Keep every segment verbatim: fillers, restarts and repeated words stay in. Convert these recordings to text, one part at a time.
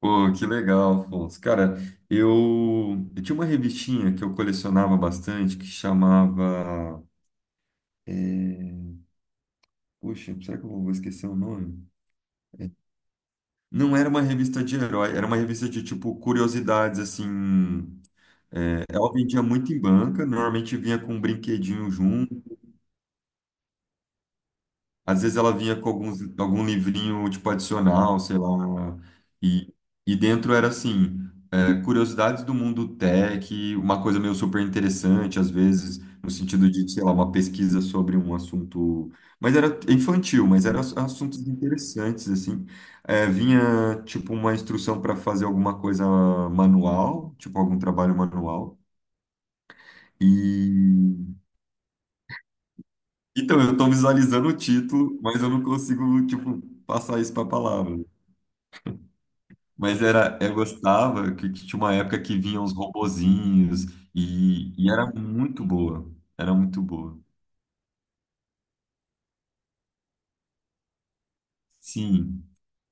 Pô, que legal, Afonso. Cara, eu, eu tinha uma revistinha que eu colecionava bastante que chamava. é, Poxa, será que eu vou esquecer o nome? Não era uma revista de herói, era uma revista de tipo curiosidades, assim. é, Ela vendia muito em banca, normalmente vinha com um brinquedinho junto. Às vezes ela vinha com alguns, algum livrinho, tipo, adicional, sei lá. E, e dentro era assim, é, curiosidades do mundo tech, uma coisa meio super interessante, às vezes, no sentido de, sei lá, uma pesquisa sobre um assunto. Mas era infantil, mas eram ass- assuntos interessantes, assim. É, vinha, tipo, uma instrução para fazer alguma coisa manual, tipo, algum trabalho manual. E. Então, eu estou visualizando o título, mas eu não consigo, tipo, passar isso para palavra. Mas era, eu gostava que, que tinha uma época que vinham os robozinhos e, e era muito boa. Era muito boa. Sim,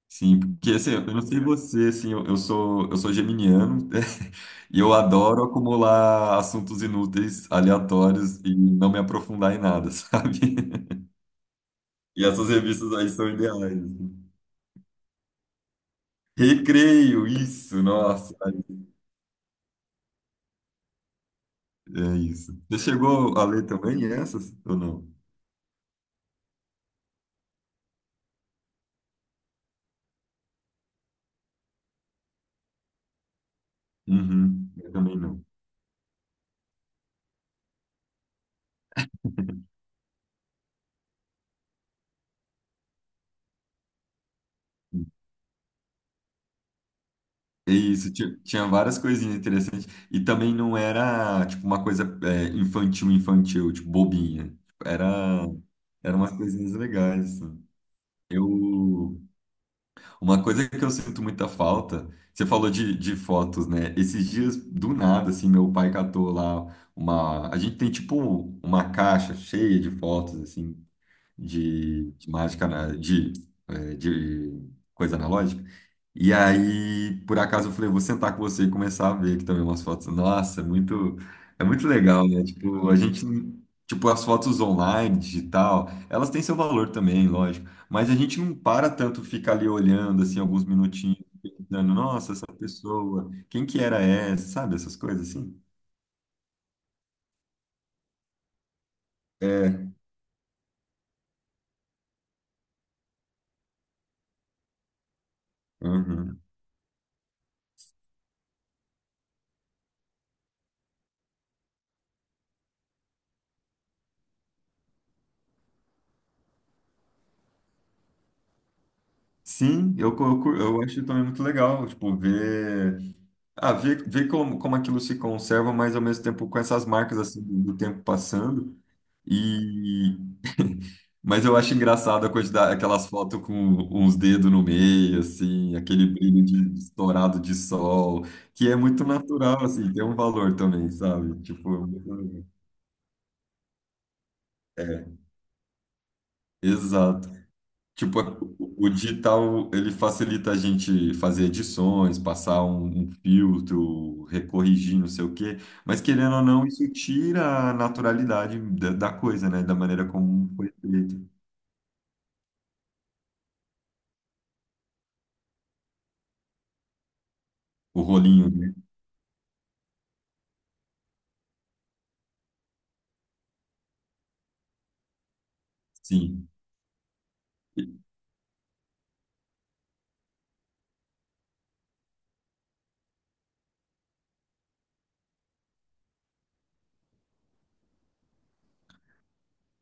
sim. Porque assim, eu não sei você, assim, eu, eu sou, eu sou geminiano e eu adoro acumular assuntos inúteis, aleatórios e não me aprofundar em nada, sabe? E essas revistas aí são ideais, assim. Recreio, isso, nossa, é isso. Você chegou a ler também essas ou não? Uhum, eu também não. Isso, ti- tinha várias coisinhas interessantes. E também não era, tipo, uma coisa é, infantil, infantil, tipo, bobinha. Tipo, Era, era umas coisinhas legais, assim. Eu, uma coisa que eu sinto muita falta, você falou de, de fotos, né? Esses dias, do nada, assim, meu pai catou lá uma... A gente tem, tipo, uma caixa cheia de fotos, assim, de, de mágica, ana- de, eh, de coisa analógica. E aí, por acaso, eu falei, vou sentar com você e começar a ver aqui também umas fotos. Nossa, é muito, é muito legal, né? Tipo, a gente, tipo, as fotos online, digital, elas têm seu valor também, lógico. Mas a gente não para tanto ficar ali olhando, assim, alguns minutinhos, pensando, nossa, essa pessoa, quem que era essa, sabe? Essas coisas assim. É. Uhum. Sim, eu, co- eu, cu- eu acho também muito legal, tipo, ver. Ah, ver, ver como, como aquilo se conserva, mas ao mesmo tempo com essas marcas assim do do tempo passando. E mas eu acho engraçado a quantidade, aquelas fotos com uns dedos no meio, assim, aquele brilho de estourado de sol, que é muito natural, assim, tem um valor também, sabe? Tipo, é, muito- é, exato. Tipo, é, o digital, ele facilita a gente fazer edições, passar um, um filtro, recorrigir, não sei o quê, mas querendo ou não, isso tira a naturalidade da, da coisa, né? Da maneira como foi feito. O rolinho, né? Sim. E-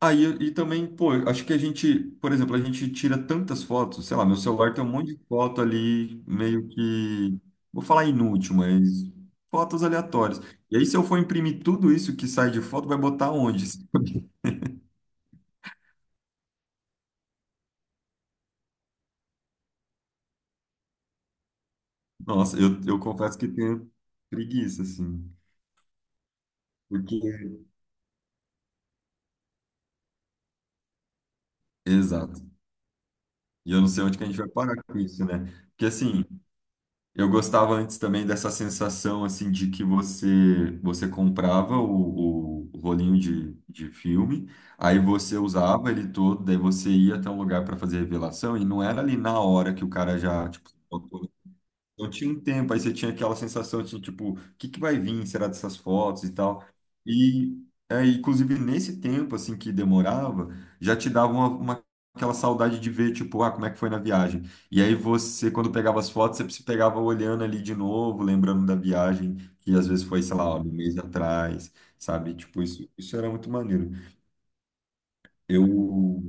Aí eu- e também, pô, eu acho que a gente, por exemplo, a gente tira tantas fotos, sei lá, meu celular tem um monte de foto ali, meio que, vou falar inútil, mas fotos aleatórias. E aí, se eu for imprimir tudo isso que sai de foto, vai botar onde? Nossa, eu, eu confesso que tenho preguiça, assim. Porque. Exato. E eu não sei onde que a gente vai parar com isso, né? Porque, assim, eu gostava antes também dessa sensação, assim, de que você você comprava o, o rolinho de, de filme, aí você usava ele todo, daí você ia até um lugar para fazer revelação, e não era ali na hora que o cara já, tipo, não tinha um tempo, aí você tinha aquela sensação de tipo, o que que vai vir, será dessas fotos e tal. E é, inclusive nesse tempo assim que demorava, já te dava uma, uma- aquela saudade de ver tipo, ah, como é que foi na viagem. E aí você quando pegava as fotos, você se pegava olhando ali de novo, lembrando da viagem, que às vezes foi, sei lá, um mês atrás, sabe? Tipo, isso, isso era muito maneiro. Eu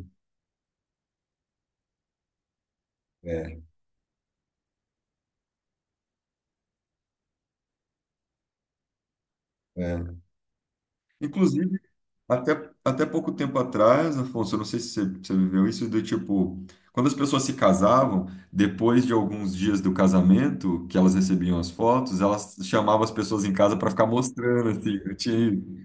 é, é. Inclusive, Até, até pouco tempo atrás, Afonso, eu não sei se você, você viveu isso, do tipo, quando as pessoas se casavam, depois de alguns dias do casamento, que elas recebiam as fotos, elas chamavam as pessoas em casa para ficar mostrando, assim, eu tinha...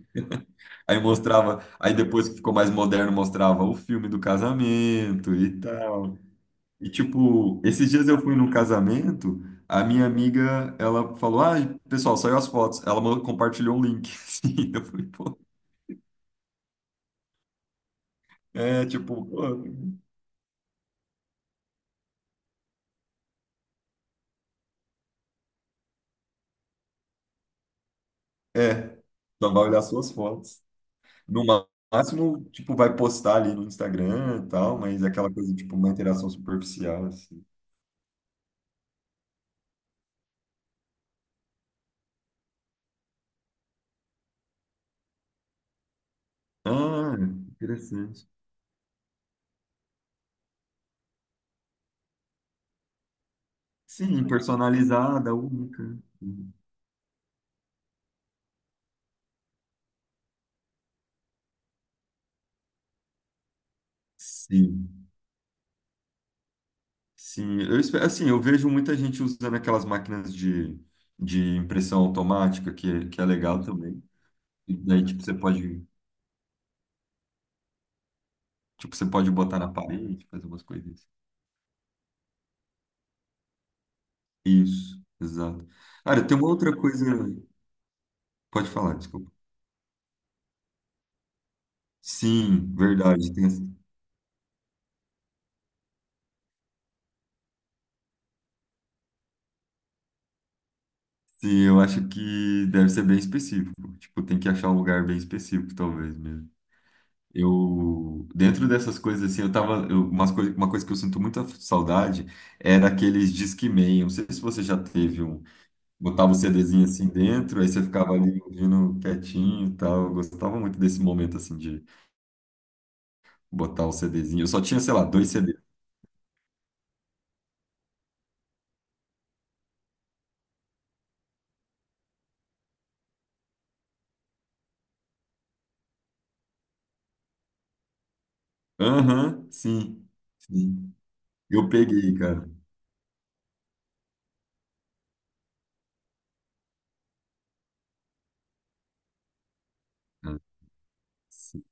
aí mostrava, aí depois que ficou mais moderno, mostrava o filme do casamento e tal. E tipo, esses dias eu fui num casamento, a minha amiga, ela falou, ah, pessoal, saiu as fotos, ela mo- compartilhou um link, assim, eu falei, pô. É, tipo, pô. É, Só vai olhar suas fotos. No ma- máximo, tipo, vai postar ali no Instagram e tal, mas é aquela coisa, tipo, uma interação superficial, assim. Ah, interessante. Sim, personalizada, única. Sim, sim. Eu, espe- assim, eu vejo muita gente usando aquelas máquinas de, de impressão automática, que, é- que é legal também. E daí, tipo, você pode, tipo, você pode botar na parede, fazer umas coisas, assim. Isso, exato. Cara, tem uma outra coisa... Pode falar, desculpa. Sim, verdade. tem- Sim, eu acho que deve ser bem específico. Tipo, tem que achar um lugar bem específico, talvez mesmo. Eu, dentro dessas coisas assim, eu tava, eu- umas coisa, uma coisa que eu sinto muita saudade é daqueles Disque Man. Eu não sei se você já teve um, botava o CDzinho assim dentro, aí você ficava ali ouvindo quietinho e tal. Eu gostava muito desse momento assim de botar o CDzinho. Eu só tinha, sei lá, dois C Ds. Aham, sim, sim. Eu peguei, cara. Ah, sim,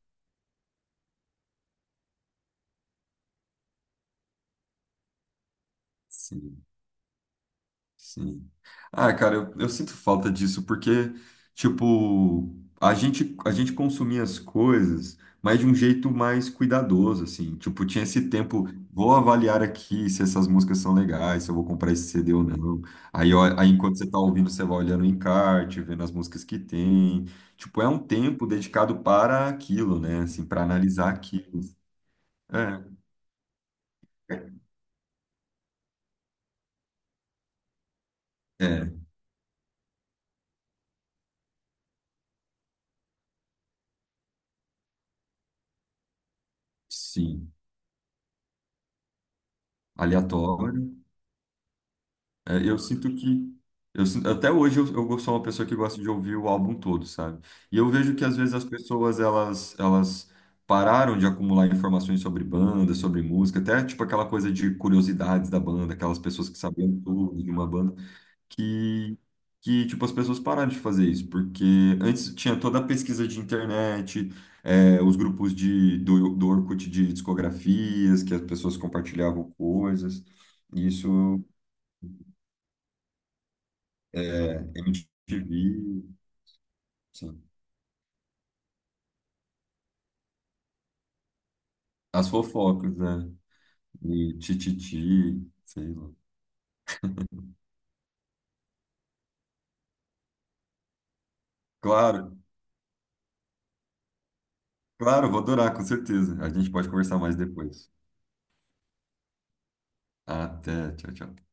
sim. Sim. Ah, cara, eu, eu sinto falta disso, porque, tipo, a gente, a gente consumia as coisas, mas de um jeito mais cuidadoso, assim. Tipo, tinha esse tempo, vou avaliar aqui se essas músicas são legais, se eu vou comprar esse C D ou não. Aí, ó, aí enquanto você tá ouvindo, você vai olhando o encarte, vendo as músicas que tem. Tipo, é um tempo dedicado para aquilo, né? Assim, para analisar aquilo. É, é, sim. Aleatório. É, eu sinto que. Eu, sin- até hoje eu, eu sou uma pessoa que gosta de ouvir o álbum todo, sabe? E eu vejo que às vezes as pessoas elas, elas pararam de acumular informações sobre banda, sobre música, até tipo aquela coisa de curiosidades da banda, aquelas pessoas que sabiam tudo de uma banda, que, que tipo as pessoas pararam de fazer isso, porque antes tinha toda a pesquisa de internet, é, os grupos de, do, do Orkut de discografias, que as pessoas compartilhavam coisas. E isso. É, M T V, sim. As fofocas, né? E tititi, sei lá. Claro, claro, vou adorar, com certeza. A gente pode conversar mais depois. Até, tchau, tchau.